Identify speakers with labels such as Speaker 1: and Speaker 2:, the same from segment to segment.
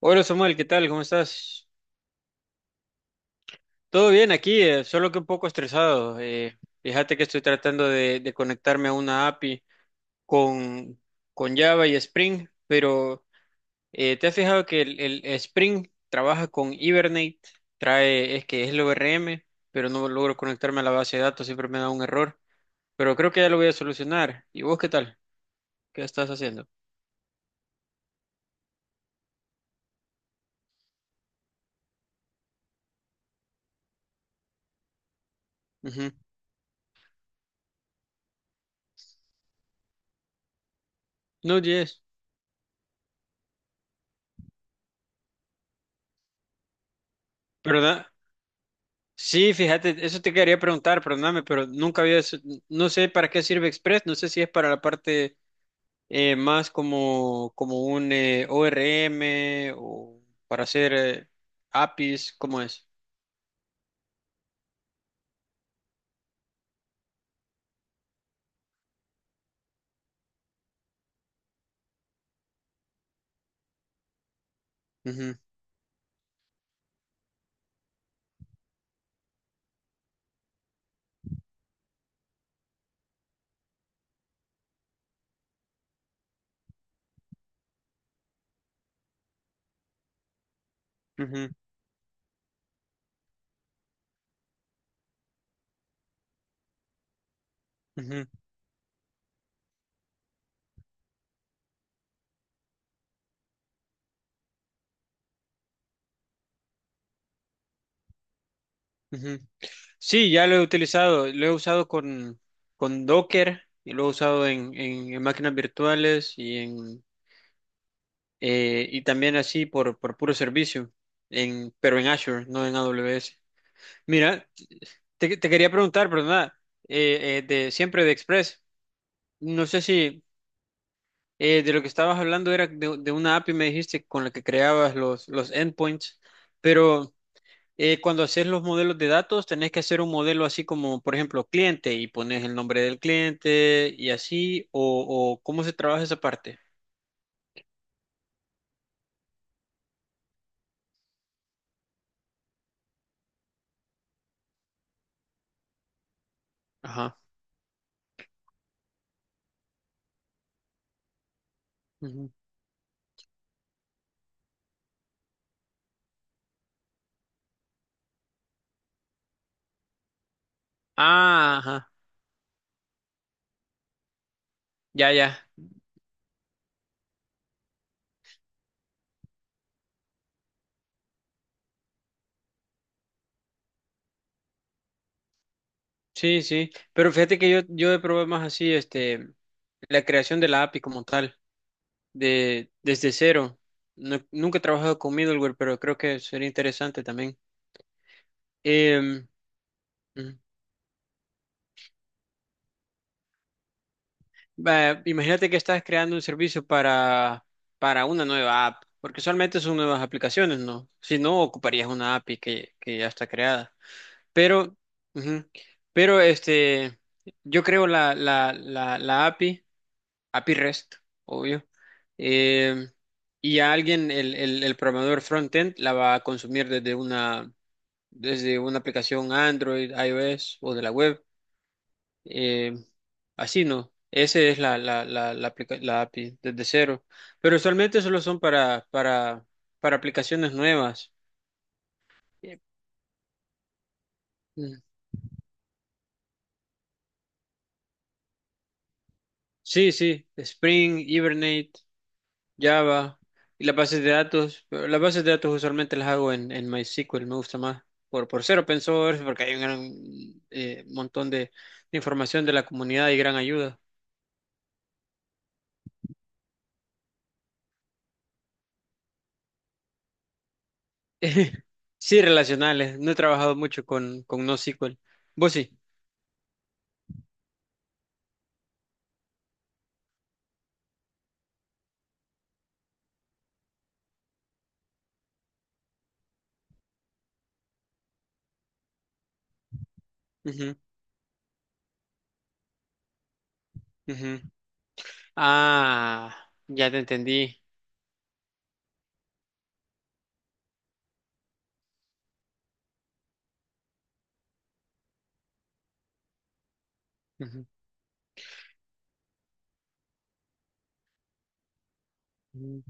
Speaker 1: Hola Samuel, ¿qué tal? ¿Cómo estás? Todo bien aquí, solo que un poco estresado. Fíjate que estoy tratando de conectarme a una API con, con Java y Spring, pero ¿te has fijado que el Spring trabaja con Hibernate? Trae, es que es el ORM, pero no logro conectarme a la base de datos, siempre me da un error. Pero creo que ya lo voy a solucionar. ¿Y vos qué tal? ¿Qué estás haciendo? No, Node.js. ¿Verdad? Sí, fíjate, eso te quería preguntar, perdóname, pero nunca había, no sé para qué sirve Express, no sé si es para la parte más como un ORM o para hacer APIs, ¿cómo es? Ujú, ujú, ujú, ujú. Sí, ya lo he utilizado, lo he usado con Docker y lo he usado en, en máquinas virtuales y también así por puro servicio, pero en Azure, no en AWS. Mira. Te quería preguntar, perdona, de siempre de Express. No sé si de lo que estabas hablando era de una API, me dijiste, con la que creabas los endpoints, pero cuando haces los modelos de datos, tenés que hacer un modelo así como, por ejemplo, cliente y pones el nombre del cliente y así, o cómo se trabaja esa parte. Ajá. Ujú. Ah, ajá. Ya, ya. Sí, sí. Pero fíjate que yo he probado más así, este, la creación de la API como tal. Desde cero. Nunca he trabajado con middleware, pero creo que sería interesante también. Em, Ujú. Va, imagínate que estás creando un servicio para una nueva app, porque usualmente son nuevas aplicaciones, ¿no? Si no, ocuparías una API que ya está creada. Pero, ujú, pero este, yo creo la API, API REST, obvio. Em, y a alguien, el programador frontend, la va a consumir Desde una. Aplicación Android, iOS o de la web. eh, Así no. Ese es la API desde cero. Pero usualmente solo son para, para aplicaciones nuevas. Eh, mm, Sí, sí. Spring, Hibernate, Java y las bases de datos. Pero las bases de datos usualmente las hago en MySQL. Me gusta más por ser open source porque hay un gran montón de información de la comunidad y gran ayuda. Sí, relacionales. No he trabajado mucho con NoSQL. Vos sí. Ujú, ujú. Ah, ya te entendí. Ujú, ujú,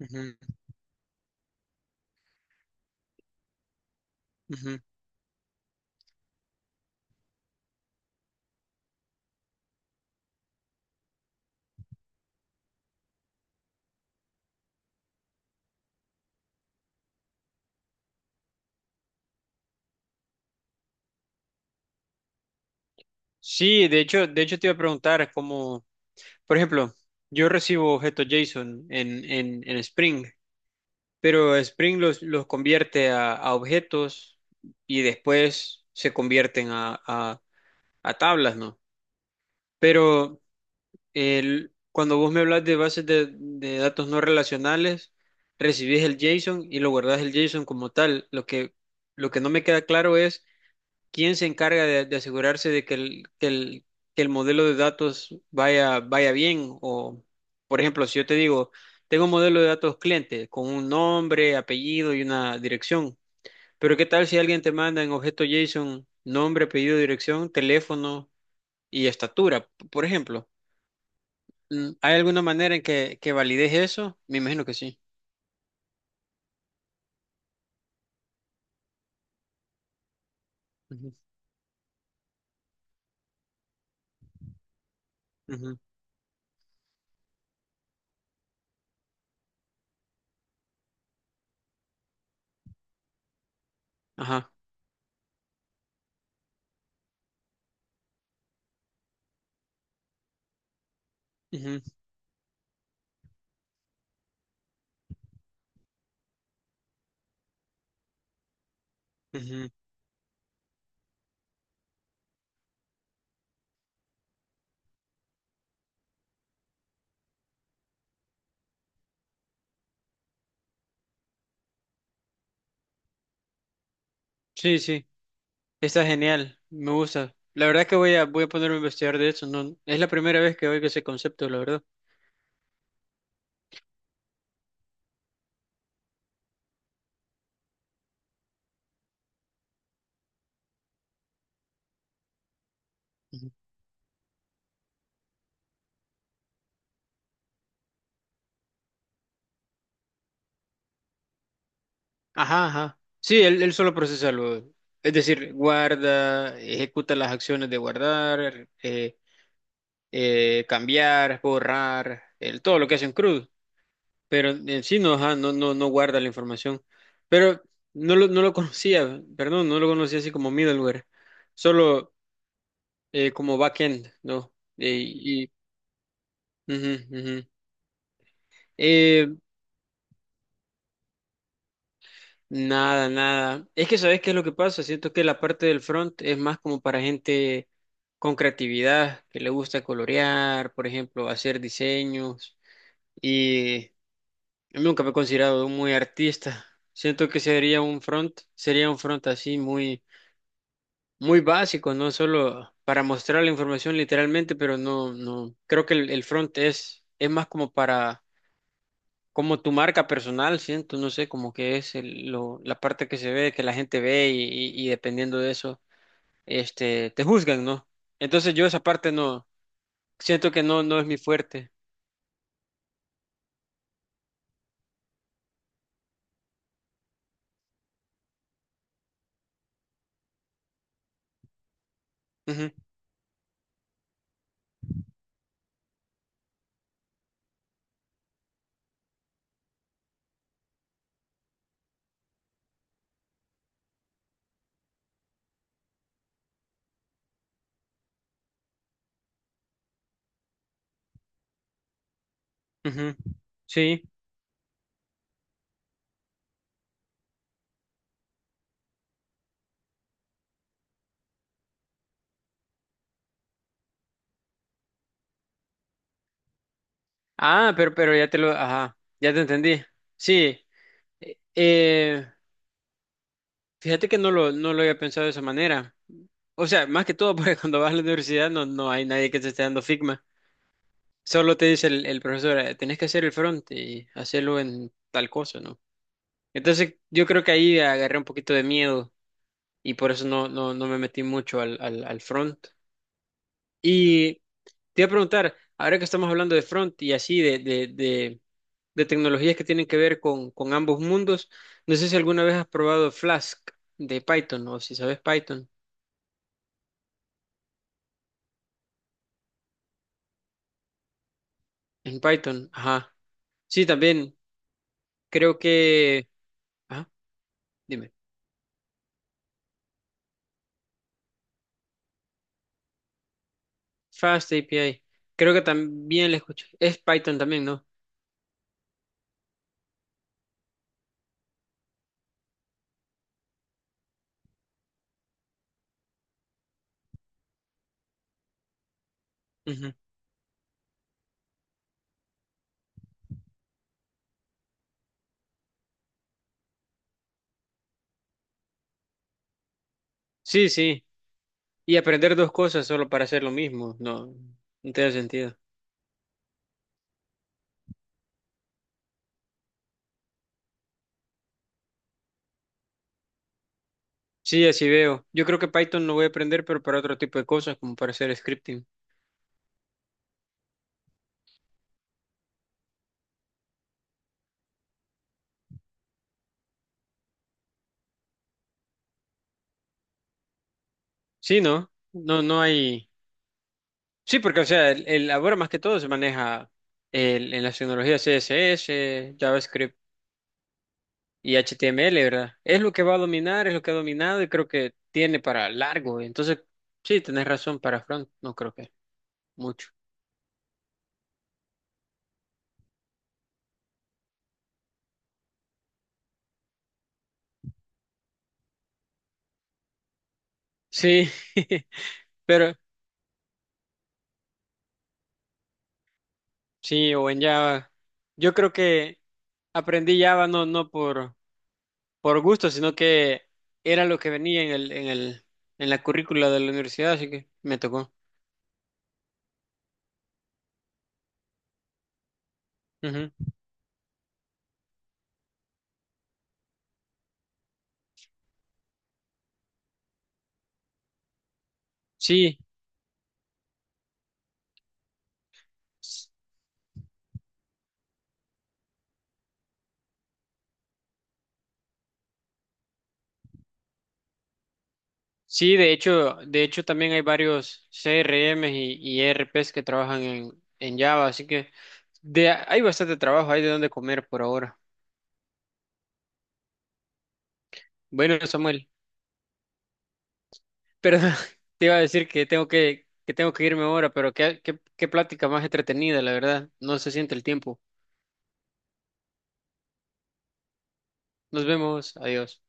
Speaker 1: ujú, ujú. Sí, de hecho te iba a preguntar cómo, por ejemplo, yo recibo objetos JSON en, Spring, pero Spring los convierte a, objetos y después se convierten a tablas, ¿no? Pero cuando vos me hablas de bases de datos no relacionales, recibís el JSON y lo guardás el JSON como tal. Lo que no me queda claro es quién se encarga de asegurarse de que el modelo de datos vaya bien. O, por ejemplo, si yo te digo, tengo un modelo de datos cliente con un nombre, apellido y una dirección. Pero ¿qué tal si alguien te manda en objeto JSON nombre, apellido, dirección, teléfono y estatura, por ejemplo? ¿Hay alguna manera en que valides eso? Me imagino que sí. Ujú, ujú, Ajá. Ujú, ujú. Sí, sí. Está genial. Me gusta. La verdad que voy a ponerme a investigar de eso. No, es la primera vez que oigo ese concepto, la verdad. Ujú. Ajá, ajá. Sí, él solo procesa lo. Es decir, guarda, ejecuta las acciones de guardar, cambiar, borrar, todo lo que hace en CRUD. Pero en sí no, ajá, no, no, no guarda la información. Pero no lo conocía, perdón, no lo conocía así como middleware, solo como backend, ¿no? Eh, y Ujú, ujú. Eh, Nada, nada. Es que ¿sabes qué es lo que pasa? Siento que la parte del front es más como para gente con creatividad, que le gusta colorear, por ejemplo, hacer diseños. Y yo nunca me he considerado muy artista. Siento que sería un front así muy muy básico, ¿no? Solo para mostrar la información literalmente, pero no, creo que el front es más como para, como tu marca personal, siento, no sé, como que es la parte que se ve, que la gente ve y dependiendo de eso, este, te juzgan, ¿no? Entonces yo esa parte no, siento que no es mi fuerte. Ujú, ujú. Sí. Ah, pero ajá, ya te entendí. Sí. Eh, Fíjate que no lo había pensado de esa manera. O sea, más que todo, porque cuando vas a la universidad no hay nadie que te esté dando Figma. Solo te dice el profesor, Tenés que hacer el front y hacerlo en tal cosa, ¿no? Entonces, yo creo que ahí agarré un poquito de miedo y por eso no me metí mucho al front. Y te iba a preguntar, ahora que estamos hablando de front y así, de tecnologías que tienen que ver con ambos mundos, no sé si alguna vez has probado Flask de Python o si sabes Python. En Python, ajá. Sí, también creo que... Ajá, dime. Fast API. Creo que también le escuché. Es Python también, ¿no? Ujú. Sí, sí. Y aprender dos cosas solo para hacer lo mismo. No, no tiene sentido. Sí, así veo. Yo creo que Python lo voy a aprender, pero para otro tipo de cosas, como para hacer scripting. Sí, ¿no? No, no hay... Sí, porque, o sea, ahora más que todo se maneja en las tecnologías CSS, JavaScript. Y HTML, ¿verdad? Es lo que va a dominar, es lo que ha dominado y creo que tiene para largo. Entonces, sí, tenés razón, para front no creo que mucho. Sí, pero sí, o en Java. Yo creo que aprendí Java no por gusto, sino que era lo que venía en la currícula de la universidad, así que me tocó. Ujú. Sí. Sí, de hecho también hay varios CRMs y ERPs que trabajan en, Java, así que hay bastante trabajo, hay de dónde comer por ahora. Bueno, Samuel, pero te iba a decir que tengo que irme ahora, pero qué plática más entretenida, la verdad. No se siente el tiempo. Nos vemos, adiós.